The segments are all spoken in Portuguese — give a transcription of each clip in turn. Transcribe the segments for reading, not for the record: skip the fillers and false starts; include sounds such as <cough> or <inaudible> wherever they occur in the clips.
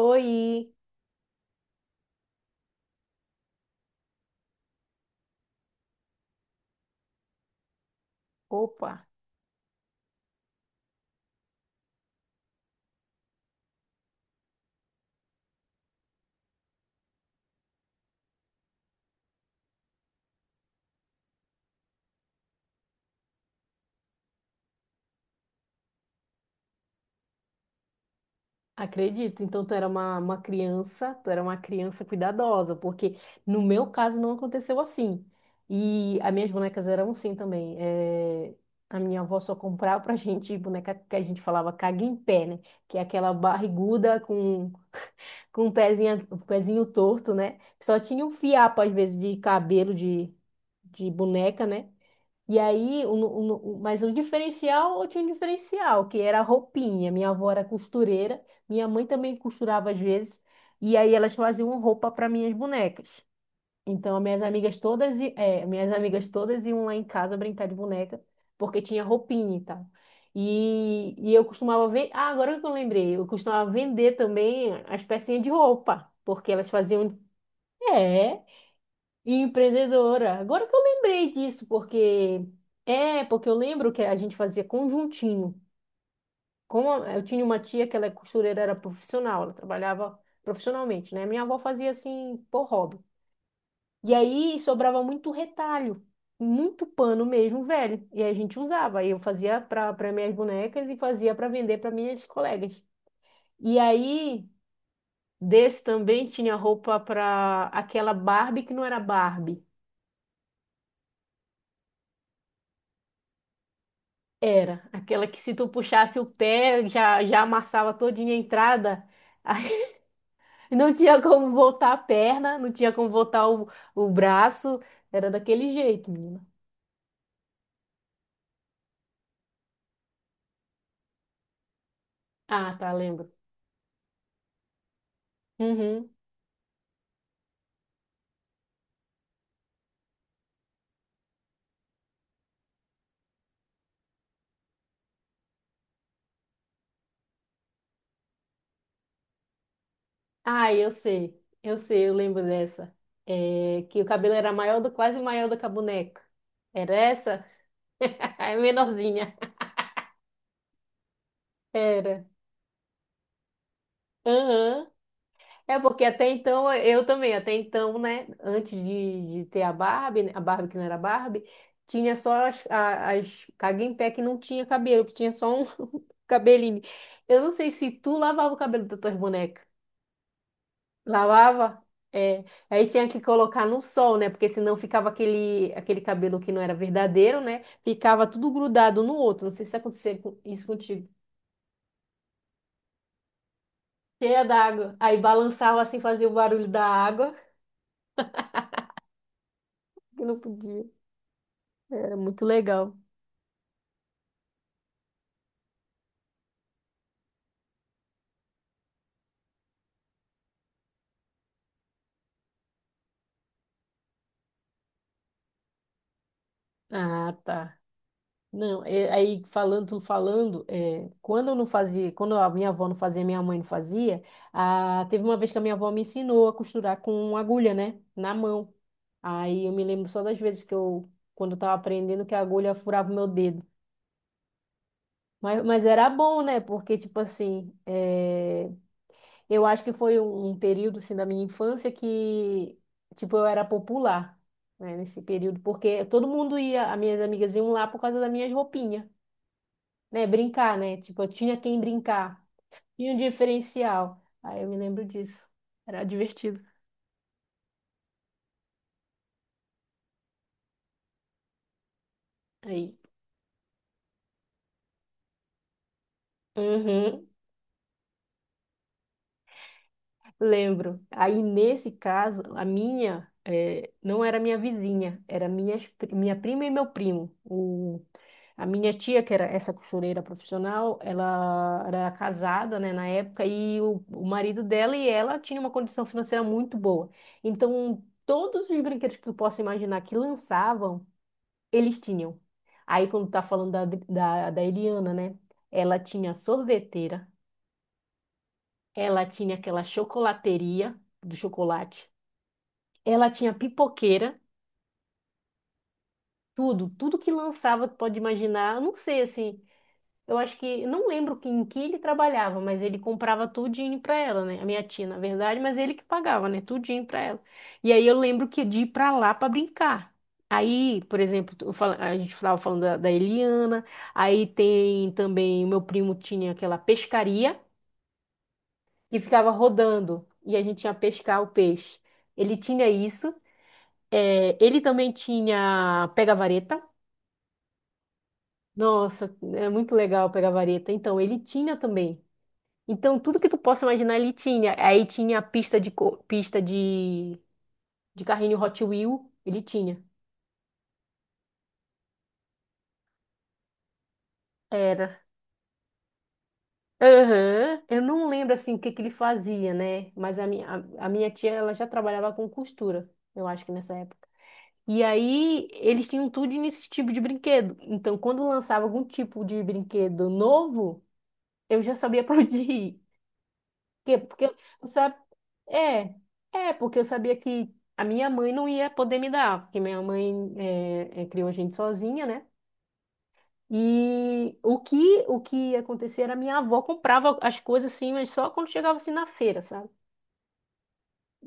Oi! Opa! Acredito. Então, tu era uma criança, tu era uma criança cuidadosa, porque no meu caso não aconteceu assim. E as minhas bonecas eram assim também. A minha avó só comprava pra <laughs> gente boneca que a gente falava caga em pé, né? Que é aquela barriguda com um pezinho torto, né? Só tinha um fiapo, às vezes, de cabelo de boneca, né? E aí, o- mas o diferencial, eu tinha um diferencial, que era a roupinha. Minha avó era costureira, minha mãe também costurava às vezes, e aí elas faziam roupa para minhas bonecas. Então, as minhas amigas todas, i- é, minhas amigas todas iam lá em casa brincar de boneca, porque tinha roupinha e tal. E eu costumava ver, ah, agora que eu lembrei, eu costumava vender também as pecinhas de roupa, porque elas faziam, é. E empreendedora. Agora que eu lembrei disso, porque é, porque eu lembro que a gente fazia conjuntinho. Eu tinha uma tia que ela é costureira, era profissional, ela trabalhava profissionalmente, né? Minha avó fazia assim por hobby. E aí sobrava muito retalho, muito pano mesmo, velho. E aí a gente usava. Aí eu fazia para minhas bonecas e fazia para vender para minhas colegas. E aí desse também tinha roupa para aquela Barbie que não era Barbie. Era, aquela que se tu puxasse o pé, já, já amassava todinha a entrada. Aí <laughs> não tinha como voltar a perna, não tinha como voltar o braço. Era daquele jeito, menina. Ah, tá, lembro. Uhum. Ah, eu sei. Eu sei, eu lembro dessa. É, que o cabelo era maior do, quase maior do que a boneca. Era essa? <laughs> É menorzinha. Era. Aham. É porque até então, eu também, até então, né, antes de ter a Barbie, né, a Barbie que não era Barbie, tinha só as, as Cague em pé que não tinha cabelo, que tinha só um <laughs> cabelinho. Eu não sei se tu lavava o cabelo das tuas bonecas. Lavava? É. Aí tinha que colocar no sol, né, porque senão ficava aquele, aquele cabelo que não era verdadeiro, né, ficava tudo grudado no outro. Não sei se acontecia isso contigo. Cheia d'água. Aí balançava assim, fazia o barulho da água, que não podia. Era muito legal. Ah, tá. Não, aí falando, falando, é, quando eu não fazia, quando a minha avó não fazia, minha mãe não fazia, ah, teve uma vez que a minha avó me ensinou a costurar com agulha, né, na mão. Aí eu me lembro só das vezes que eu, quando eu tava aprendendo, que a agulha furava o meu dedo. Mas era bom, né, porque, tipo assim, é, eu acho que foi um período, assim, da minha infância que, tipo, eu era popular, né, nesse período, porque todo mundo ia, as minhas amigas iam lá por causa das minhas roupinhas. Né? Brincar, né? Tipo, eu tinha quem brincar. Tinha um diferencial. Aí eu me lembro disso. Era divertido. Aí. Uhum, lembro. Aí, nesse caso, a minha não era minha vizinha, era minha prima e meu primo. O, a minha tia, que era essa costureira profissional, ela era casada, né, na época, e o marido dela e ela tinha uma condição financeira muito boa. Então, todos os brinquedos que tu possa imaginar que lançavam, eles tinham. Aí, quando tá falando da Eliana, né? Ela tinha sorveteira, ela tinha aquela chocolateria do chocolate, ela tinha pipoqueira, tudo, tudo que lançava, tu pode imaginar, eu não sei, assim, eu acho que, eu não lembro em que ele trabalhava, mas ele comprava tudinho pra ela, né? A minha tia, na verdade, mas ele que pagava, né? Tudinho pra ela. E aí eu lembro que de ir pra lá pra brincar. Aí, por exemplo, a gente estava falando da Eliana, aí tem também, o meu primo tinha aquela pescaria que ficava rodando e a gente ia pescar o peixe. Ele tinha isso, é, ele também tinha pega-vareta. Nossa, é muito legal pegar vareta. Então, ele tinha também. Então, tudo que tu possa imaginar ele tinha. Aí tinha a pista de, pista de carrinho Hot Wheel, ele tinha. Era. Aham. Eu não lembro, assim, o que que ele fazia, né? Mas a minha, a minha tia, ela já trabalhava com costura, eu acho que nessa época. E aí, eles tinham tudo nesse tipo de brinquedo. Então, quando lançava algum tipo de brinquedo novo, eu já sabia <laughs> pra onde ir. Porque eu sabe, é, é porque eu sabia que a minha mãe não ia poder me dar, porque minha mãe é, é, criou a gente sozinha, né? E o que ia acontecer era minha avó comprava as coisas assim, mas só quando chegava assim na feira, sabe?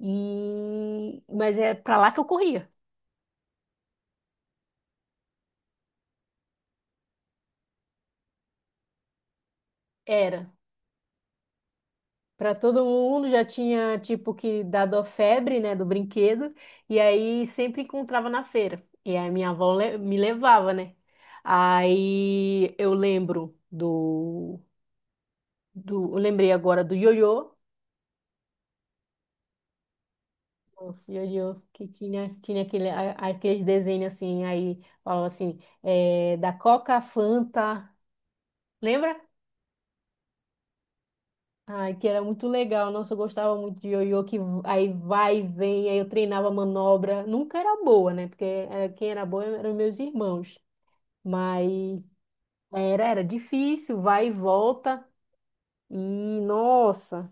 E mas é pra lá que eu corria. Era. Para todo mundo já tinha tipo que dado a febre, né, do brinquedo, e aí sempre encontrava na feira. E aí minha avó me levava, né? Aí eu lembro do, do, eu lembrei agora do ioiô. Nossa, ioiô que tinha aquele aquele desenho assim, aí falava assim, é, da Coca Fanta, lembra? Ai, que era muito legal. Nossa, eu gostava muito de ioiô, que aí vai e vem, aí eu treinava manobra. Nunca era boa, né? Porque quem era boa eram meus irmãos. Mas era, era difícil, vai e volta. E, nossa,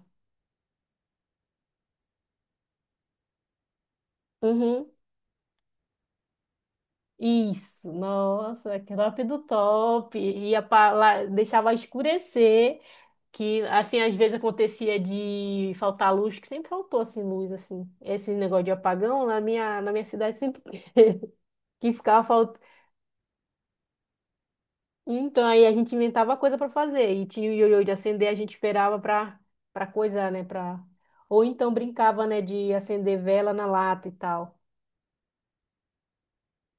uhum, isso, nossa, que top do top. Ia pra lá, deixava escurecer, que, assim, às vezes acontecia de faltar luz, que sempre faltou, assim, luz, assim. Esse negócio de apagão, na minha cidade sempre que ficava. Então, aí a gente inventava coisa pra fazer. E tinha o ioiô de acender, a gente esperava pra, para coisar, né? Para... Ou então brincava, né, de acender vela na lata e tal.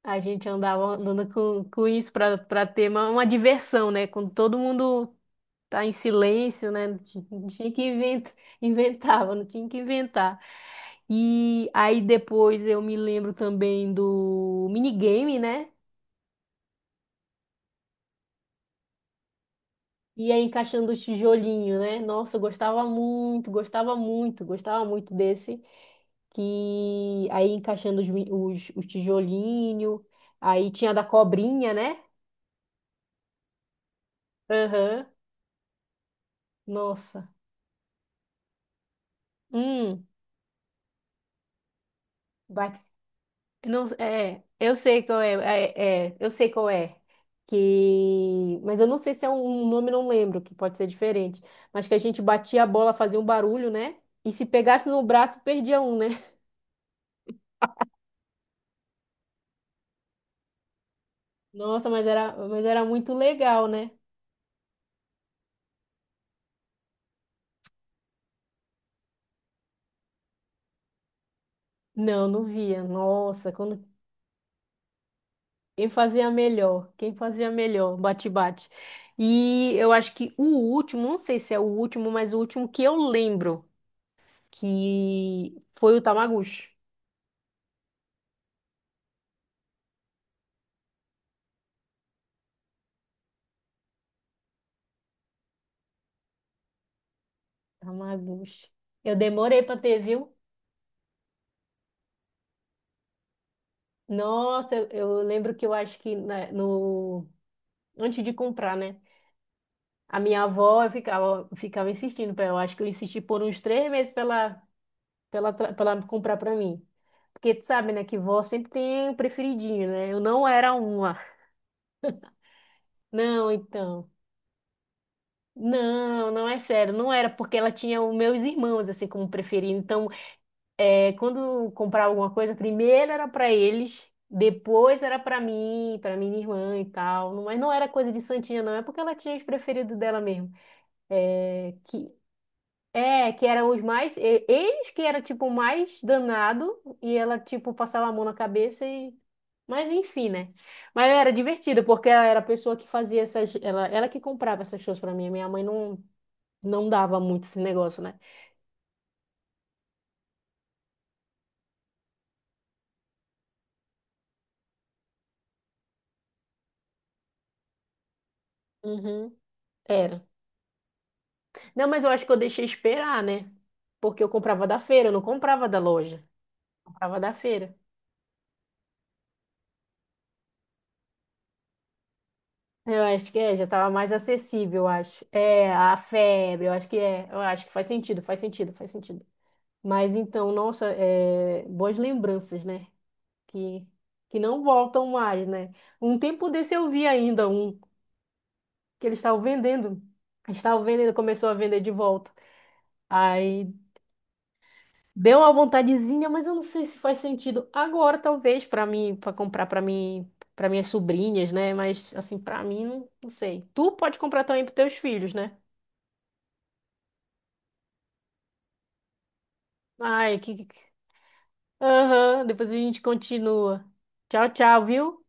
A gente andava andando com isso pra, para ter uma diversão, né? Quando todo mundo tá em silêncio, né? Não tinha que inventar, <laughs> inventava, não tinha que inventar. E aí depois eu me lembro também do minigame, né? Ia encaixando o tijolinho, né? Nossa, eu gostava muito, gostava muito, gostava muito desse. Que aí encaixando os, os tijolinho. Aí tinha da cobrinha, né? Aham. Nossa. Hum, ba- não, é, eu sei qual é, é, é, eu sei qual é. Que, mas eu não sei se é um, um nome, não lembro, que pode ser diferente. Mas que a gente batia a bola, fazia um barulho, né? E se pegasse no braço, perdia um, né? Nossa, mas era muito legal, né? Não, não via. Nossa, quando quem fazia melhor, bate-bate. E eu acho que o último, não sei se é o último, mas o último que eu lembro que foi o Tamagotchi. Tamagotchi. Eu demorei para ter, viu? Nossa, eu lembro que eu acho que no antes de comprar, né? A minha avó eu ficava insistindo para ela. Eu acho que eu insisti por uns 3 meses para ela pra ela comprar pra mim. Porque tu sabe, né, que vó sempre tem um preferidinho, né? Eu não era uma. Não, então. Não, não é sério, não era porque ela tinha os meus irmãos assim como preferido. Então, é, quando comprava alguma coisa, primeiro era pra eles, depois era pra mim, pra minha irmã e tal. Mas não era coisa de santinha, não, é porque ela tinha os preferidos dela mesmo. É, que é, que eram os mais. Eles que era tipo o mais danado e ela tipo passava a mão na cabeça e. Mas enfim, né? Mas era divertido porque ela era a pessoa que fazia essas. Ela que comprava essas coisas pra mim. Minha mãe não, não dava muito esse negócio, né? Uhum. Era. Não, mas eu acho que eu deixei esperar, né? Porque eu comprava da feira, eu não comprava da loja. Comprava da feira. Eu acho que é, já tava mais acessível, eu acho. É, a febre, eu acho que é. Eu acho que faz sentido, faz sentido, faz sentido. Mas então, nossa, é, boas lembranças, né? Que, que não voltam mais, né? Um tempo desse eu vi ainda um que eles estavam vendendo. Eles estavam vendendo, começou a vender de volta. Aí deu uma vontadezinha, mas eu não sei se faz sentido agora, talvez, para mim, para comprar para mim, para minhas sobrinhas, né? Mas assim, para mim, não, não sei. Tu pode comprar também para teus filhos, né? Ai, que. Aham, depois a gente continua. Tchau, tchau, viu?